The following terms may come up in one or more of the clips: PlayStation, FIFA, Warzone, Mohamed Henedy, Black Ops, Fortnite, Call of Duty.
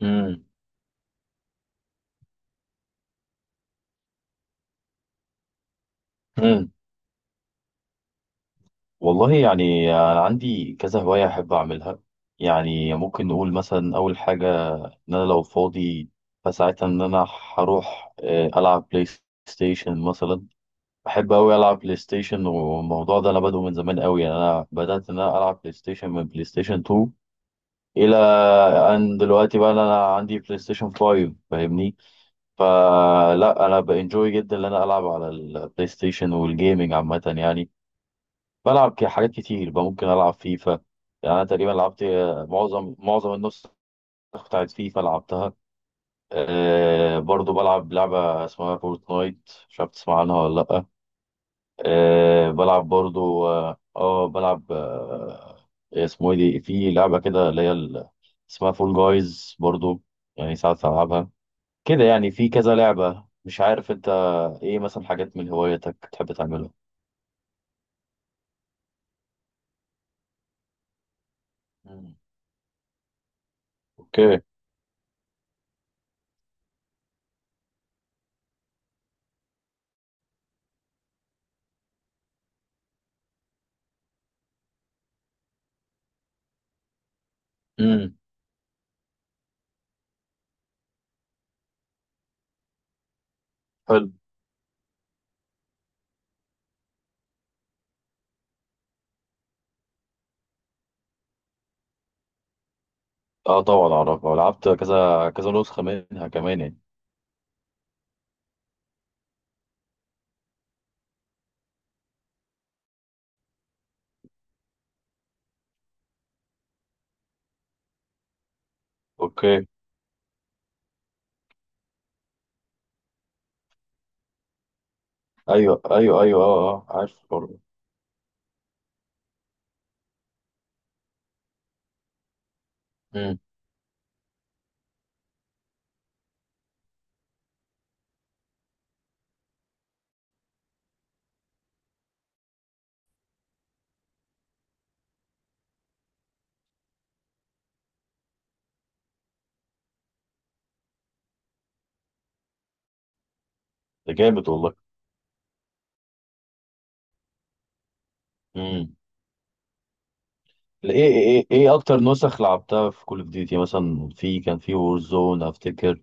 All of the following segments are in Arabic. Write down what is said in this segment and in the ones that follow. امم امم والله يعني انا عندي كذا هوايه احب اعملها. يعني ممكن نقول مثلا اول حاجه، ان انا لو فاضي فساعتها ان انا هروح العب بلاي ستيشن مثلا. بحب قوي العب بلاي ستيشن، والموضوع ده انا بادئه من زمان قوي، يعني انا بدات ان انا العب بلاي ستيشن من بلاي ستيشن 2 الى ان دلوقتي بقى انا عندي بلاي ستيشن 5، فاهمني؟ فلا انا بانجوي جدا ان انا العب على البلاي ستيشن والجيمنج عامه. يعني بلعب حاجات كتير بقى، ممكن العب فيفا، يعني انا تقريبا لعبت معظم النسخ بتاعت فيفا لعبتها. أه، برضو بلعب لعبة اسمها فورتنايت، مش عارف تسمع عنها ولا لأ. أه بلعب برضو بلعب اسمه ايه دي، في لعبة كده اللي هي اسمها فول جايز برضو، يعني ساعات ألعبها كده. يعني في كذا لعبة. مش عارف انت ايه مثلا حاجات من هواياتك بتحب تعملها؟ مم. اوكي. امم. حلو. اه طبعا اعرفها، لعبت كذا كذا نسخه منها كمان يعني. اوكي. ايوه ايوه ايوه، اه اه عارف برضه. امم. ده جامد والله. امم. ايه ايه ايه إيه اكتر نسخ لعبتها في كول اوف ديوتي؟ مثلا في، كان في وور زون افتكر،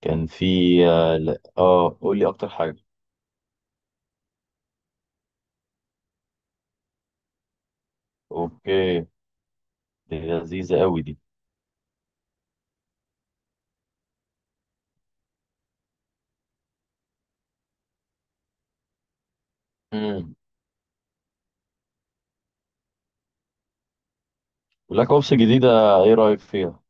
كان في، اه لا، قول لي اكتر حاجه. اوكي. دي لذيذه قوي دي. امم. بلاك اوبس الجديده، ايه رايك فيها؟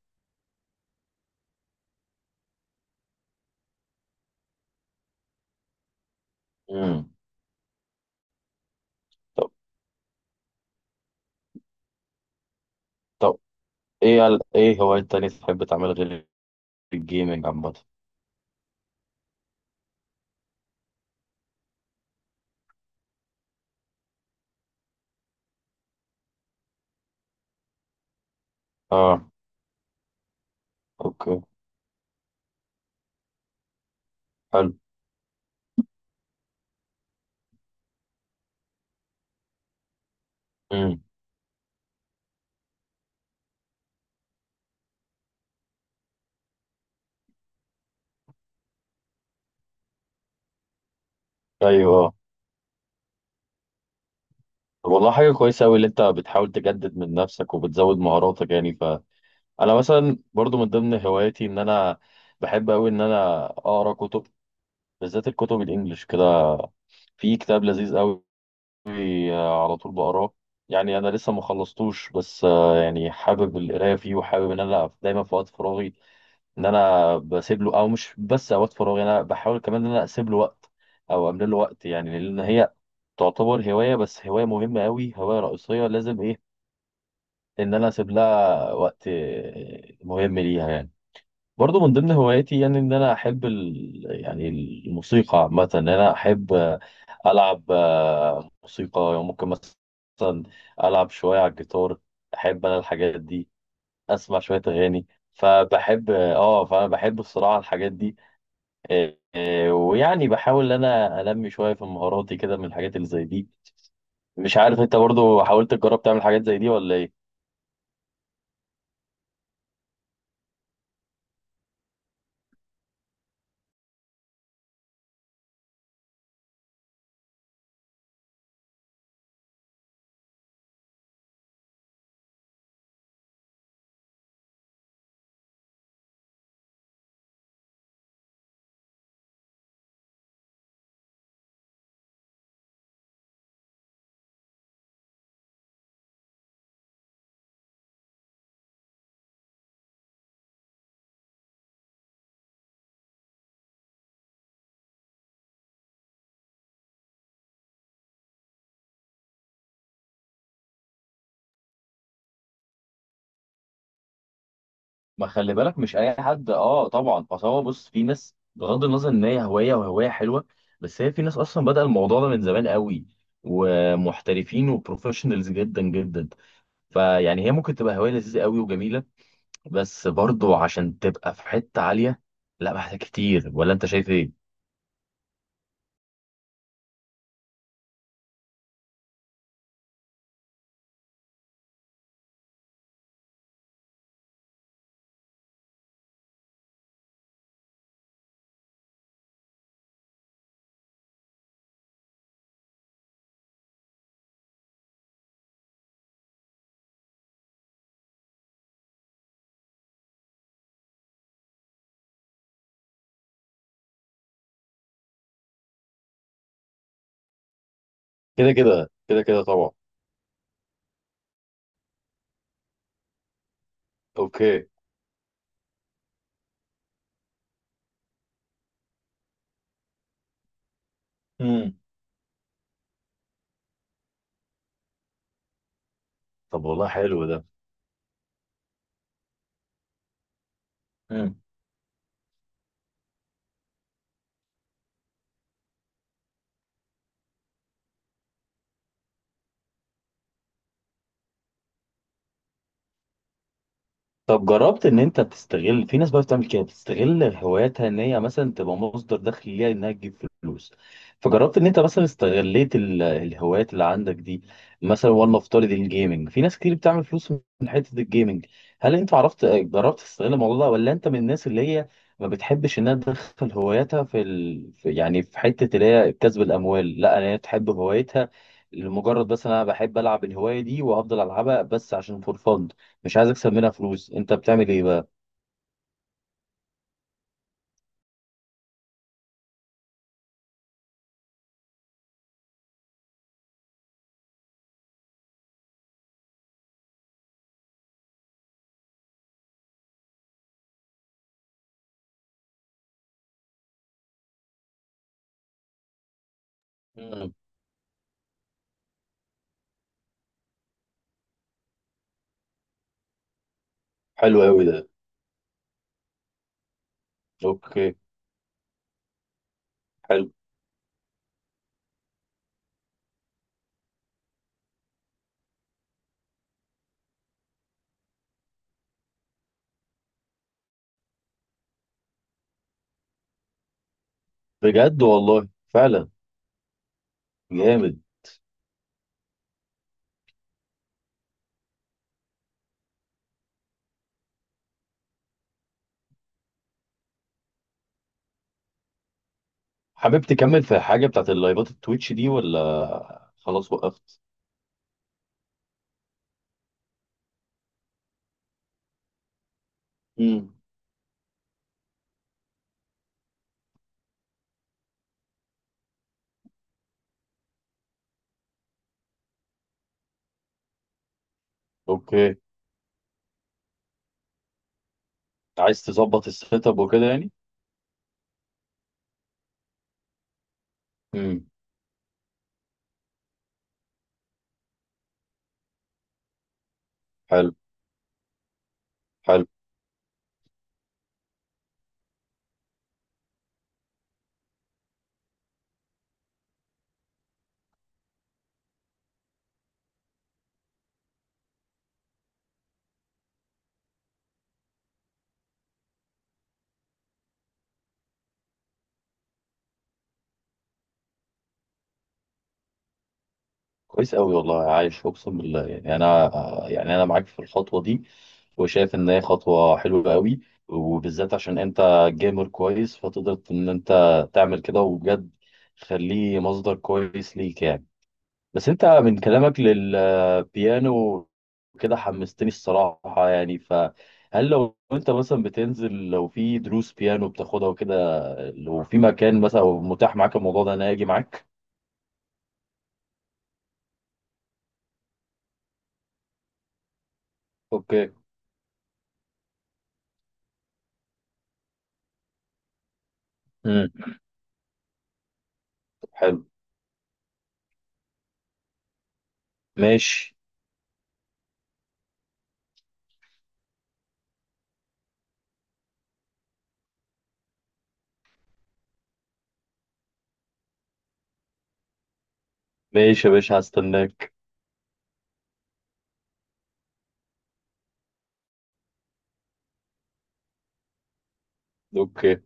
امم. طب. طب ايه ايه هوايات تانية تحب تعمل غير الجيمنج عامه؟ اه. اوكي. حلو. امم. ايوه. طب والله حاجه كويسه قوي اللي انت بتحاول تجدد من نفسك وبتزود مهاراتك يعني. فانا مثلا برضو من ضمن هواياتي ان انا بحب قوي ان انا اقرا كتب، بالذات الكتب الانجليش كده. في كتاب لذيذ قوي على طول بقراه، يعني انا لسه ما خلصتوش، بس يعني حابب القرايه فيه، وحابب ان انا دايما في وقت فراغي ان انا بسيب له، او مش بس اوقات فراغي، انا بحاول كمان ان انا اسيب له وقت او املى له وقت، يعني لان هي تعتبر هوايه، بس هوايه مهمه قوي، هوايه رئيسيه لازم ايه ان انا اسيب لها وقت مهم ليها يعني. برضو من ضمن هواياتي يعني ان انا احب يعني الموسيقى عامه، ان انا احب العب موسيقى، يعني ممكن مثلا العب شويه على الجيتار، احب انا الحاجات دي، اسمع شويه اغاني. فبحب اه، فانا بحب الصراحه الحاجات دي. إيه إيه، ويعني بحاول ان انا انمي شويه في مهاراتي كده من الحاجات اللي زي دي. مش عارف انت برضو حاولت تجرب تعمل حاجات زي دي ولا ايه؟ ما خلي بالك، مش اي حد، اه طبعا، اصل هو بص في ناس، بغض النظر ان هي هوايه وهوايه حلوه، بس هي في ناس اصلا بدأ الموضوع ده من زمان قوي، ومحترفين وبروفيشنالز جدا جدا. فيعني هي ممكن تبقى هوايه لذيذه قوي وجميله، بس برضو عشان تبقى في حته عاليه لا محتاج كتير، ولا انت شايف ايه؟ كده طبعا. اوكي. مم. طب والله حلو ده. مم. طب جربت ان انت تستغل، في ناس بقى بتعمل كده، بتستغل هواياتها ان هي مثلا تبقى مصدر دخل ليها، انها تجيب فلوس. فجربت ان انت مثلا استغليت الهوايات اللي عندك دي؟ مثلا والله، افترض الجيمنج، في ناس كتير بتعمل فلوس من حته الجيمنج. هل انت عرفت جربت تستغل الموضوع ده، ولا انت من الناس اللي هي ما بتحبش انها تدخل هواياتها في, في يعني في حته اللي هي كسب الاموال؟ لا انا هي تحب هوايتها لمجرد، بس انا بحب العب الهوايه دي وافضل العبها بس عشان فور فن، مش عايز اكسب منها فلوس. انت بتعمل ايه بقى؟ مم. حلو قوي ده. اوكي. حلو. بجد والله فعلا. جامد. حابب تكمل في حاجه بتاعت اللايفات التويتش دي، ولا خلاص وقفت؟ مم. اوكي. عايز تظبط السيت اب وكده يعني؟ مم. حلو. حلو. كويس قوي والله، عايش، اقسم بالله، يعني انا يعني انا معاك في الخطوه دي، وشايف ان هي خطوه حلوه قوي، وبالذات عشان انت جيمر كويس، فتقدر ان انت تعمل كده، وبجد خليه مصدر كويس ليك يعني. بس انت من كلامك للبيانو كده حمستني الصراحه يعني، فهل لو انت مثلا بتنزل، لو في دروس بيانو بتاخدها وكده، لو في مكان مثلا متاح معاك الموضوع ده، انا اجي معاك. اوكي. امم. حلو. ماشي. ماشي يا باشا، هستناك. اوكي.